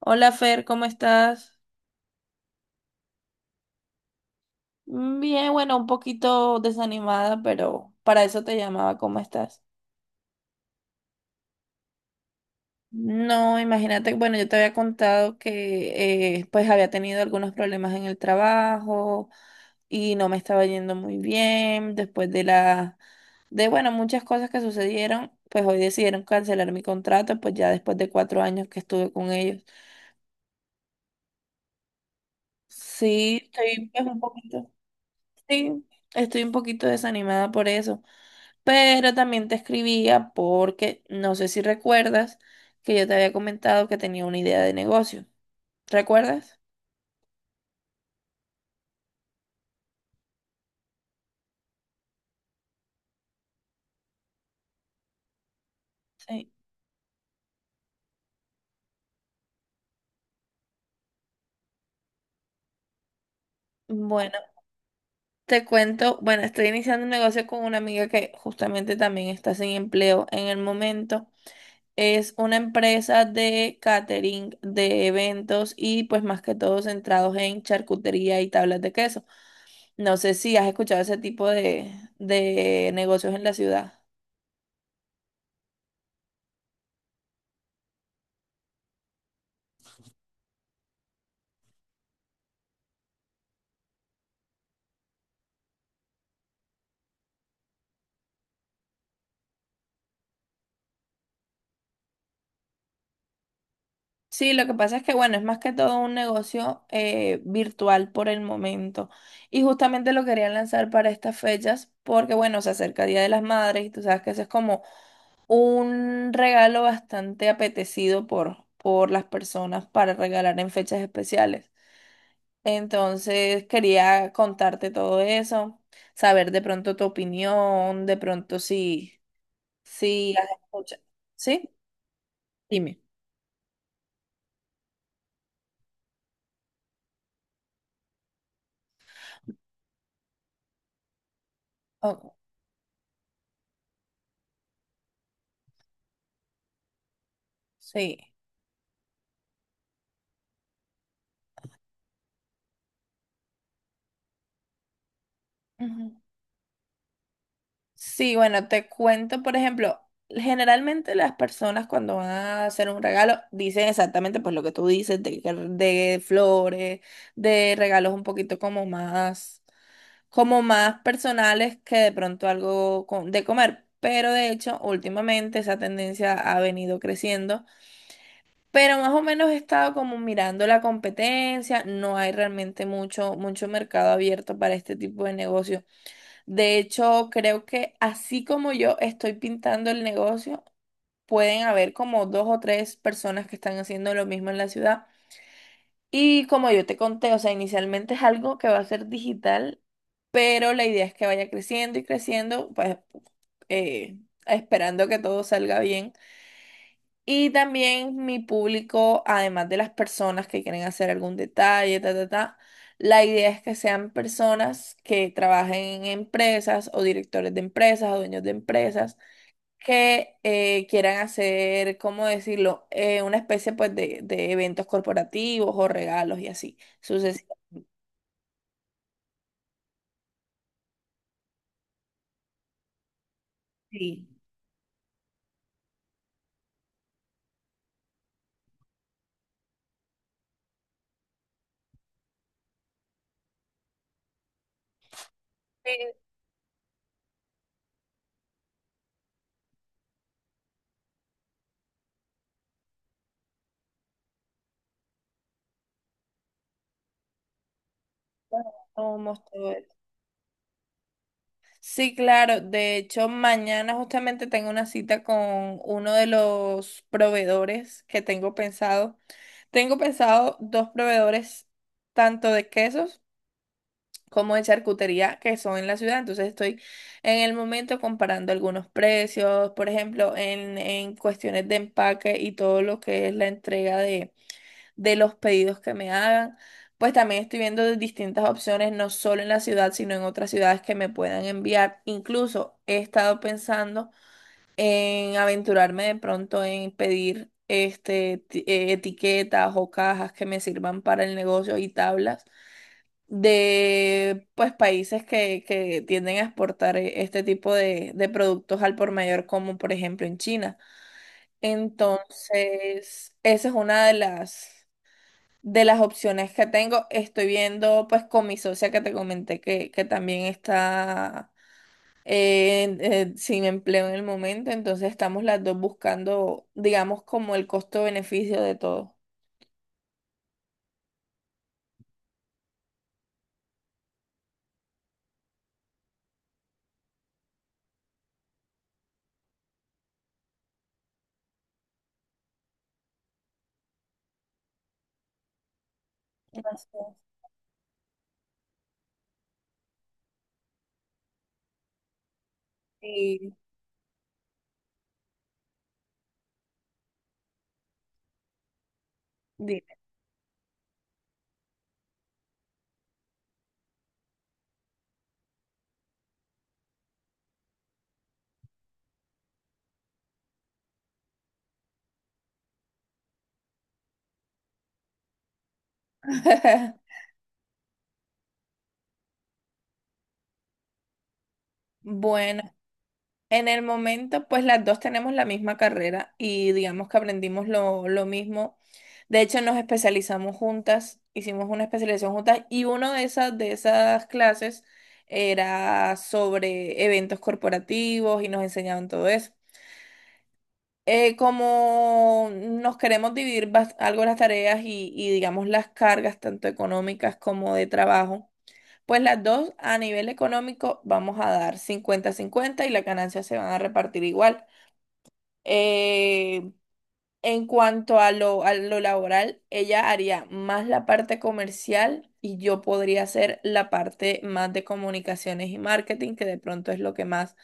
Hola Fer, ¿cómo estás? Bien, bueno, un poquito desanimada, pero para eso te llamaba. ¿Cómo estás? No, imagínate, bueno, yo te había contado que pues había tenido algunos problemas en el trabajo y no me estaba yendo muy bien. Después de la, de bueno, muchas cosas que sucedieron, pues hoy decidieron cancelar mi contrato, pues ya después de 4 años que estuve con ellos. Sí, estoy pues, un poquito, sí, estoy un poquito desanimada por eso. Pero también te escribía porque no sé si recuerdas que yo te había comentado que tenía una idea de negocio. ¿Recuerdas? Sí. Bueno, te cuento, bueno, estoy iniciando un negocio con una amiga que justamente también está sin empleo en el momento. Es una empresa de catering, de eventos y pues más que todo centrados en charcutería y tablas de queso. No sé si has escuchado ese tipo de negocios en la ciudad. Sí, lo que pasa es que, bueno, es más que todo un negocio virtual por el momento. Y justamente lo quería lanzar para estas fechas porque, bueno, se acerca Día de las Madres y tú sabes que eso es como un regalo bastante apetecido por las personas para regalar en fechas especiales. Entonces, quería contarte todo eso, saber de pronto tu opinión, de pronto si las escuchas. ¿Sí? Dime. Oh, sí. Sí, bueno, te cuento, por ejemplo, generalmente las personas cuando van a hacer un regalo dicen exactamente pues lo que tú dices, de flores, de regalos un poquito como más personales que de pronto algo de comer. Pero de hecho, últimamente esa tendencia ha venido creciendo. Pero más o menos he estado como mirando la competencia, no hay realmente mucho, mucho mercado abierto para este tipo de negocio. De hecho, creo que así como yo estoy pintando el negocio, pueden haber como dos o tres personas que están haciendo lo mismo en la ciudad. Y como yo te conté, o sea, inicialmente es algo que va a ser digital, pero la idea es que vaya creciendo y creciendo, pues eh, esperando que todo salga bien. Y también mi público, además de las personas que quieren hacer algún detalle, ta, ta, ta, la idea es que sean personas que trabajen en empresas o directores de empresas o dueños de empresas que quieran hacer, ¿cómo decirlo? Una especie pues de eventos corporativos o regalos y así, sucesivamente. Somos todo eso. Sí, claro. De hecho, mañana justamente tengo una cita con uno de los proveedores que tengo pensado. Tengo pensado dos proveedores, tanto de quesos como de charcutería, que son en la ciudad. Entonces estoy en el momento comparando algunos precios, por ejemplo, en cuestiones de empaque y todo lo que es la entrega de los pedidos que me hagan. Pues también estoy viendo de distintas opciones, no solo en la ciudad, sino en otras ciudades que me puedan enviar. Incluso he estado pensando en aventurarme de pronto en pedir etiquetas o cajas que me sirvan para el negocio y tablas de pues países que tienden a exportar este tipo de productos al por mayor, como por ejemplo en China. Entonces, esa es una de las opciones que tengo. Estoy viendo pues con mi socia que te comenté que también está sin empleo en el momento, entonces estamos las dos buscando, digamos, como el costo-beneficio de todo. Así es. Y dime. Bueno, en el momento, pues las dos tenemos la misma carrera y digamos que aprendimos lo mismo. De hecho, nos especializamos juntas, hicimos una especialización juntas y una de esas clases era sobre eventos corporativos y nos enseñaban todo eso. Como nos queremos dividir algo las tareas y digamos las cargas, tanto económicas como de trabajo, pues las dos a nivel económico vamos a dar cincuenta cincuenta y las ganancias se van a repartir igual. Eh, en cuanto a lo, laboral, ella haría más la parte comercial y yo podría hacer la parte más de comunicaciones y marketing, que de pronto es lo que más,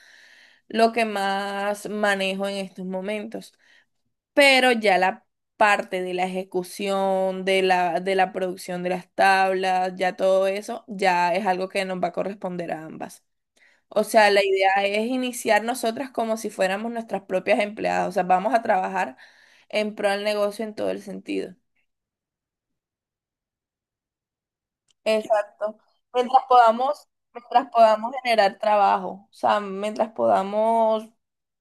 lo que más manejo en estos momentos, pero ya la parte de la ejecución, de la producción de las tablas, ya todo eso, ya es algo que nos va a corresponder a ambas. O sea, la idea es iniciar nosotras como si fuéramos nuestras propias empleadas, o sea, vamos a trabajar en pro del negocio en todo el sentido. Exacto. Mientras podamos, mientras podamos generar trabajo, o sea, mientras podamos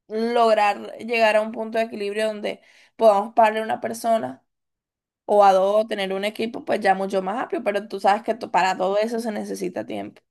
lograr llegar a un punto de equilibrio donde podamos pagarle a una persona o a dos, tener un equipo pues ya mucho más amplio, pero tú sabes que para todo eso se necesita tiempo.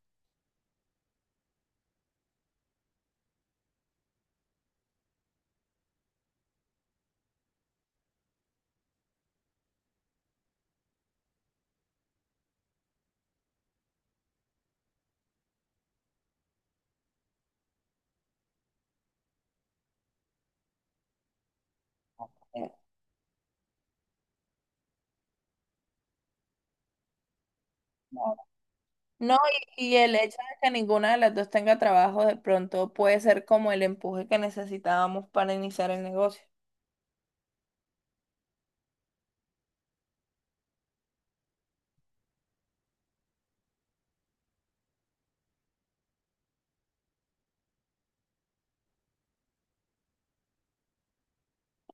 No, y el hecho de que ninguna de las dos tenga trabajo de pronto puede ser como el empuje que necesitábamos para iniciar el negocio.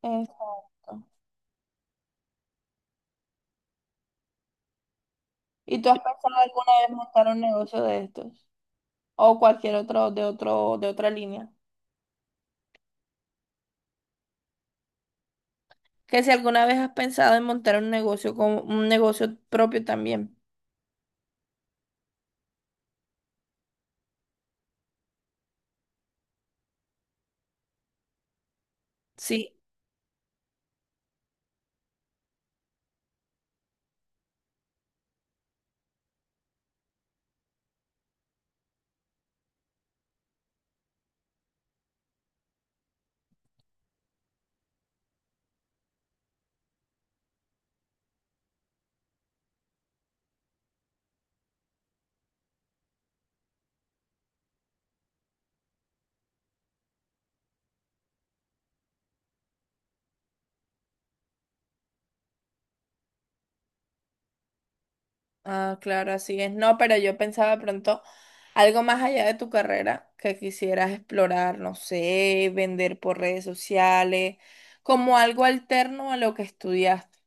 Exacto. ¿Y tú has pensado alguna vez montar un negocio de estos? O cualquier otro, de otra línea. Que si alguna vez has pensado en montar un negocio con un negocio propio también. Sí. Ah, claro, así es. No, pero yo pensaba de pronto algo más allá de tu carrera que quisieras explorar, no sé, vender por redes sociales, como algo alterno a lo que estudiaste.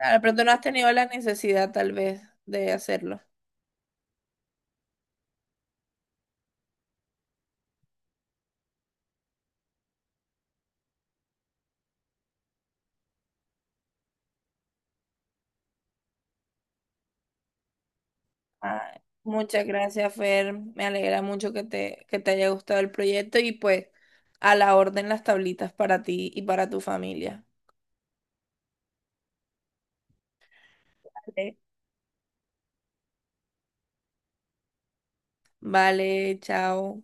Ah, de pronto no has tenido la necesidad tal vez de hacerlo. Ay, muchas gracias, Fer. Me alegra mucho que te, haya gustado el proyecto y pues a la orden las tablitas para ti y para tu familia. Vale, vale, chao.